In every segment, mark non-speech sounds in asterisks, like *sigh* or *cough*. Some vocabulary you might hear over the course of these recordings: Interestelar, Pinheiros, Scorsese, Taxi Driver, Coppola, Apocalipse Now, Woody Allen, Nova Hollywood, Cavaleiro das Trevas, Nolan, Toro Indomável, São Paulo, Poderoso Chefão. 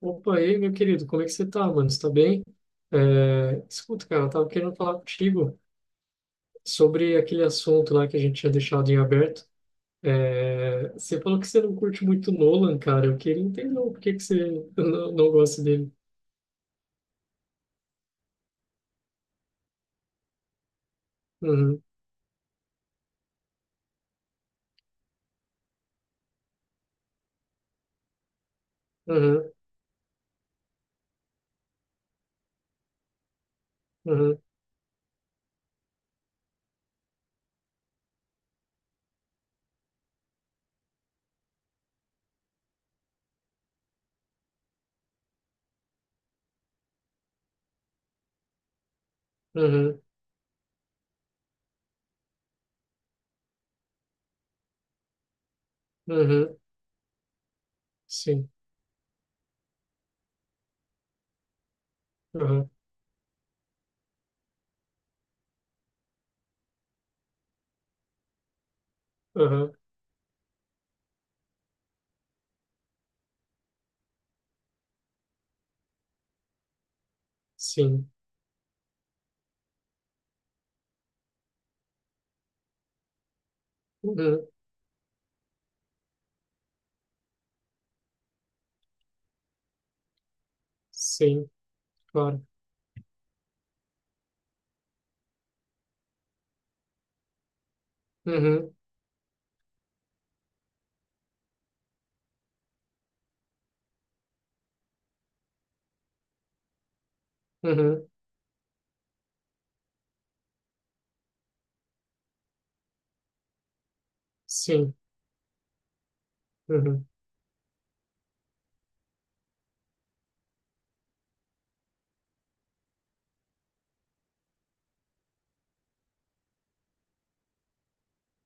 Opa, e aí, meu querido, como é que você tá, mano? Você tá bem? É, escuta, cara, eu tava querendo falar contigo sobre aquele assunto lá que a gente tinha deixado em aberto. É, você falou que você não curte muito Nolan, cara. Eu queria entender o porquê que você *laughs* não gosta dele. Uhum, uhum, uhum, uhum, uhum, sim, uhum, uhum, sim, uhum, sim, claro. Uhum, uhum, sim, uhum,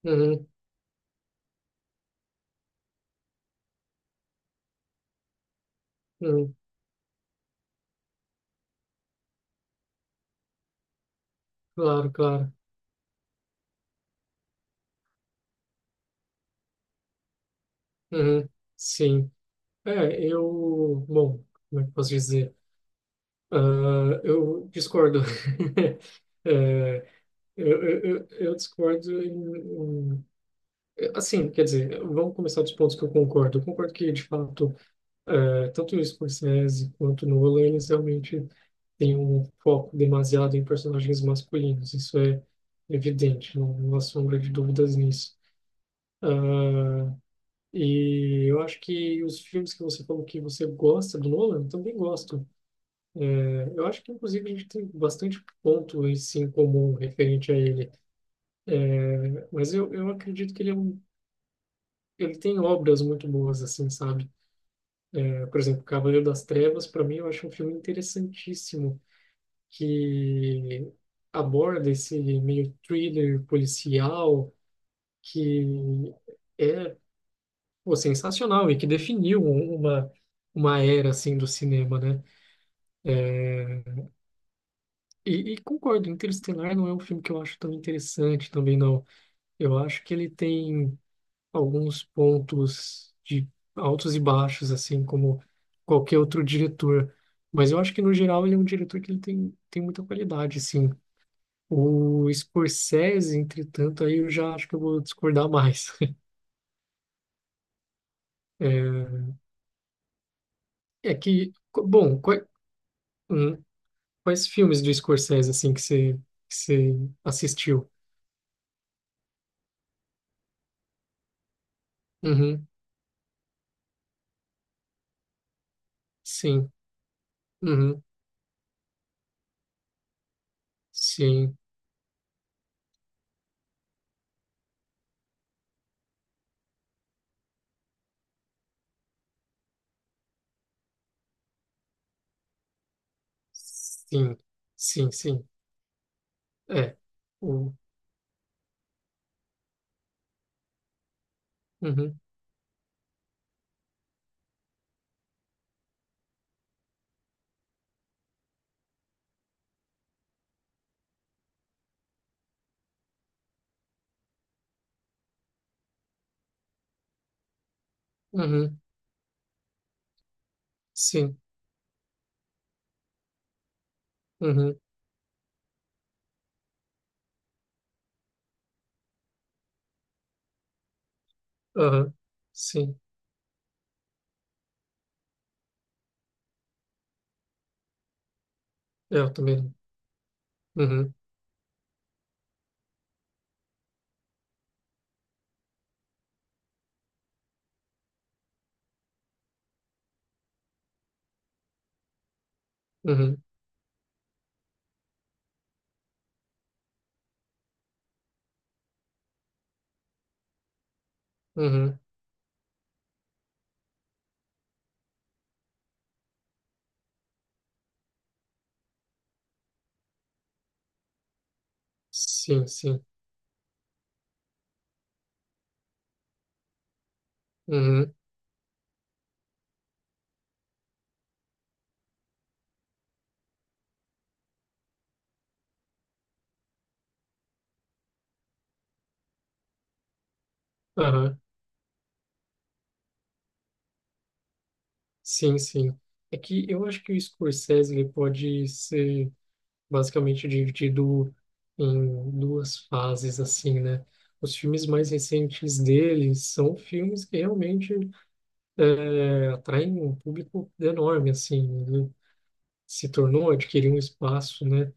uhum, uhum, claro, claro, uhum, sim. É, bom, como é que eu posso dizer? Ah, eu discordo. *laughs* É, eu discordo assim, quer dizer, vamos começar dos pontos que eu concordo. Eu concordo que, de fato, é, tanto o Scorsese quanto o Nolan, eles realmente têm um foco demasiado em personagens masculinos. Isso é evidente, não, não há sombra de dúvidas nisso. Ah, e eu acho que os filmes que você falou que você gosta do Nolan, eu também gosto. É, eu acho que, inclusive, a gente tem bastante ponto em si em comum referente a ele. Mas eu acredito que ele tem obras muito boas, assim, sabe? É, por exemplo, Cavaleiro das Trevas, para mim, eu acho um filme interessantíssimo que aborda esse meio thriller policial que é, pô, sensacional e que definiu uma era, assim, do cinema, né? É, e concordo, Interestelar não é um filme que eu acho tão interessante também, não. Eu acho que ele tem alguns pontos de altos e baixos, assim como qualquer outro diretor. Mas eu acho que, no geral, ele é um diretor que ele tem muita qualidade, sim. O Scorsese, entretanto, aí eu já acho que eu vou discordar mais. *laughs* É que, bom, hum, quais filmes do Scorsese, assim, que você assistiu? Uhum, sim, uhum, sim, sim, sim, sim, é. O, uhum, uhum. Sim. Uhum. Aham. Sim. É, eu também. Não. Uhum. Uhum. Uhum. Sim, sim. Uhum. Aham. Sim, sim. É que eu acho que o Scorsese ele pode ser basicamente dividido em duas fases, assim, né? Os filmes mais recentes dele são filmes que realmente é, atraem um público enorme, assim. Ele se tornou, adquiriu um espaço, né?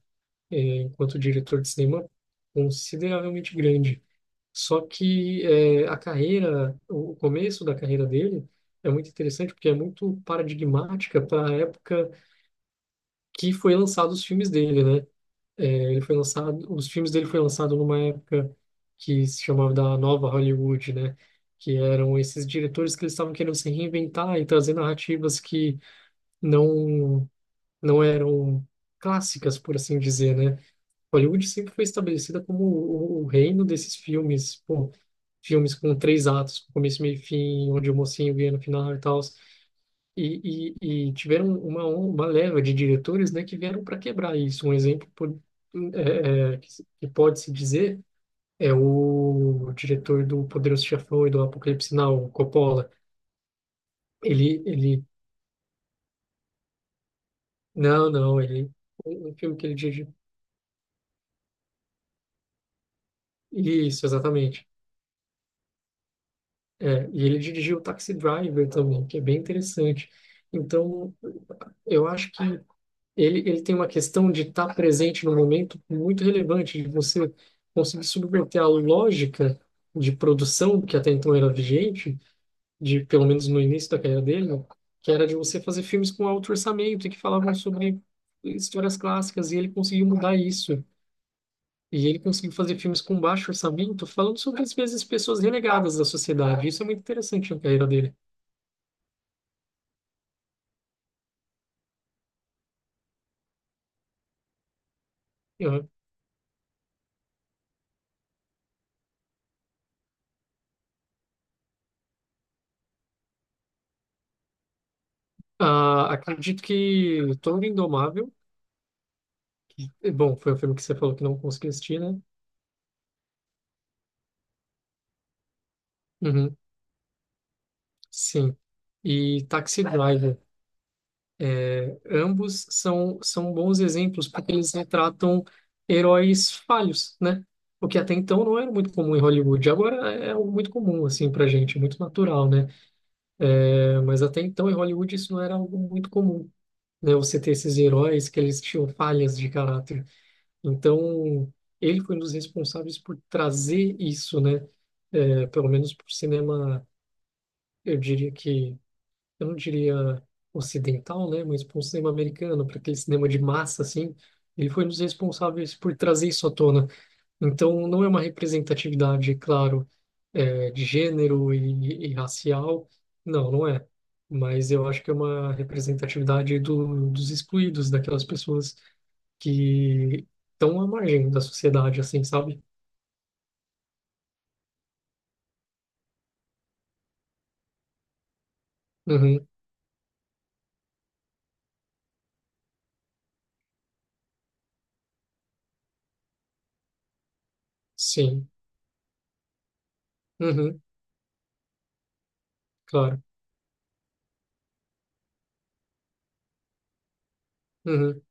Eh, enquanto diretor de cinema consideravelmente grande. Só que é, a carreira, o começo da carreira dele é muito interessante porque é muito paradigmática para a época que foi lançado os filmes dele, né? É, os filmes dele foi lançado numa época que se chamava da Nova Hollywood, né? Que eram esses diretores que eles estavam querendo se reinventar e trazer narrativas que não não eram clássicas, por assim dizer, né? Hollywood sempre foi estabelecida como o reino desses filmes, pô, filmes com três atos, com começo, meio e fim, onde o mocinho ganha no final e tal. E tiveram uma leva de diretores, né, que vieram para quebrar isso. Um exemplo que pode se dizer é o diretor do Poderoso Chefão e do Apocalipse Now, o Coppola. Ele, não, não, ele, um um filme que ele dirige. Isso, exatamente. É, e ele dirigiu Taxi Driver também, que é bem interessante. Então, eu acho que ele tem uma questão de estar presente no momento muito relevante, de você conseguir subverter a lógica de produção que até então era vigente, de pelo menos no início da carreira dele, que era de você fazer filmes com alto orçamento e que falavam sobre histórias clássicas, e ele conseguiu mudar isso. E ele conseguiu fazer filmes com baixo orçamento, falando sobre, às vezes, pessoas renegadas da sociedade. Isso é muito interessante na carreira dele. Eu, ah, acredito que o Toro Indomável. E, bom, foi o filme que você falou que não conseguiu assistir, né? Uhum, sim. E Taxi Driver. Ambos são bons exemplos porque eles retratam heróis falhos, né? O que até então não era muito comum em Hollywood. Agora é algo muito comum, assim, pra gente, muito natural, né? É, mas até então em Hollywood isso não era algo muito comum, né? Você ter esses heróis que eles tinham falhas de caráter. Então, ele foi um dos responsáveis por trazer isso, né? É, pelo menos para o cinema, eu diria que, eu não diria ocidental, né? Mas para o cinema americano, para aquele cinema de massa, assim, ele foi um dos responsáveis por trazer isso à tona. Então, não é uma representatividade, claro, é, de gênero e racial, não é. Mas eu acho que é uma representatividade dos excluídos, daquelas pessoas que estão à margem da sociedade, assim, sabe? Uhum, sim. Uhum, claro. Uhum,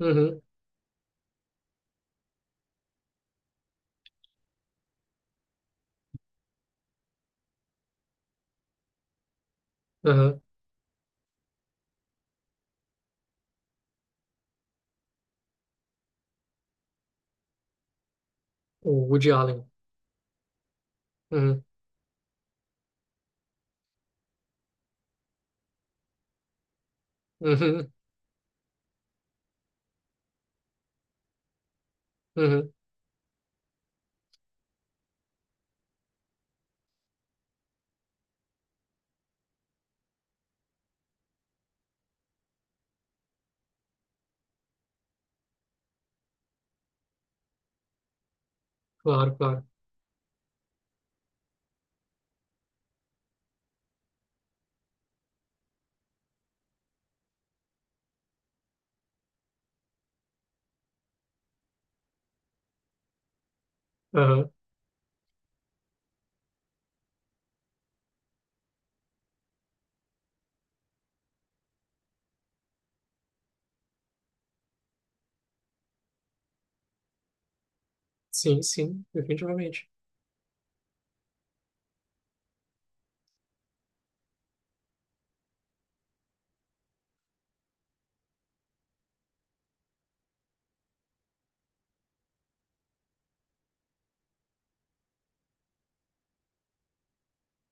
uhum, uhum. O Woody Allen. Uhum, uhum, uhum. Claro, claro. Uhum. Sim, sim, definitivamente.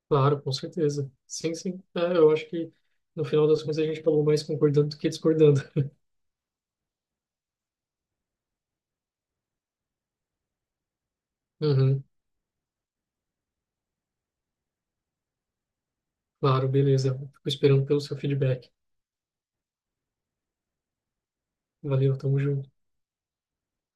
Claro, com certeza. Sim, sim. É, eu acho que no final das contas a gente acabou mais concordando do que discordando. *laughs* Uhum, claro, beleza. Fico esperando pelo seu feedback. Valeu, tamo junto.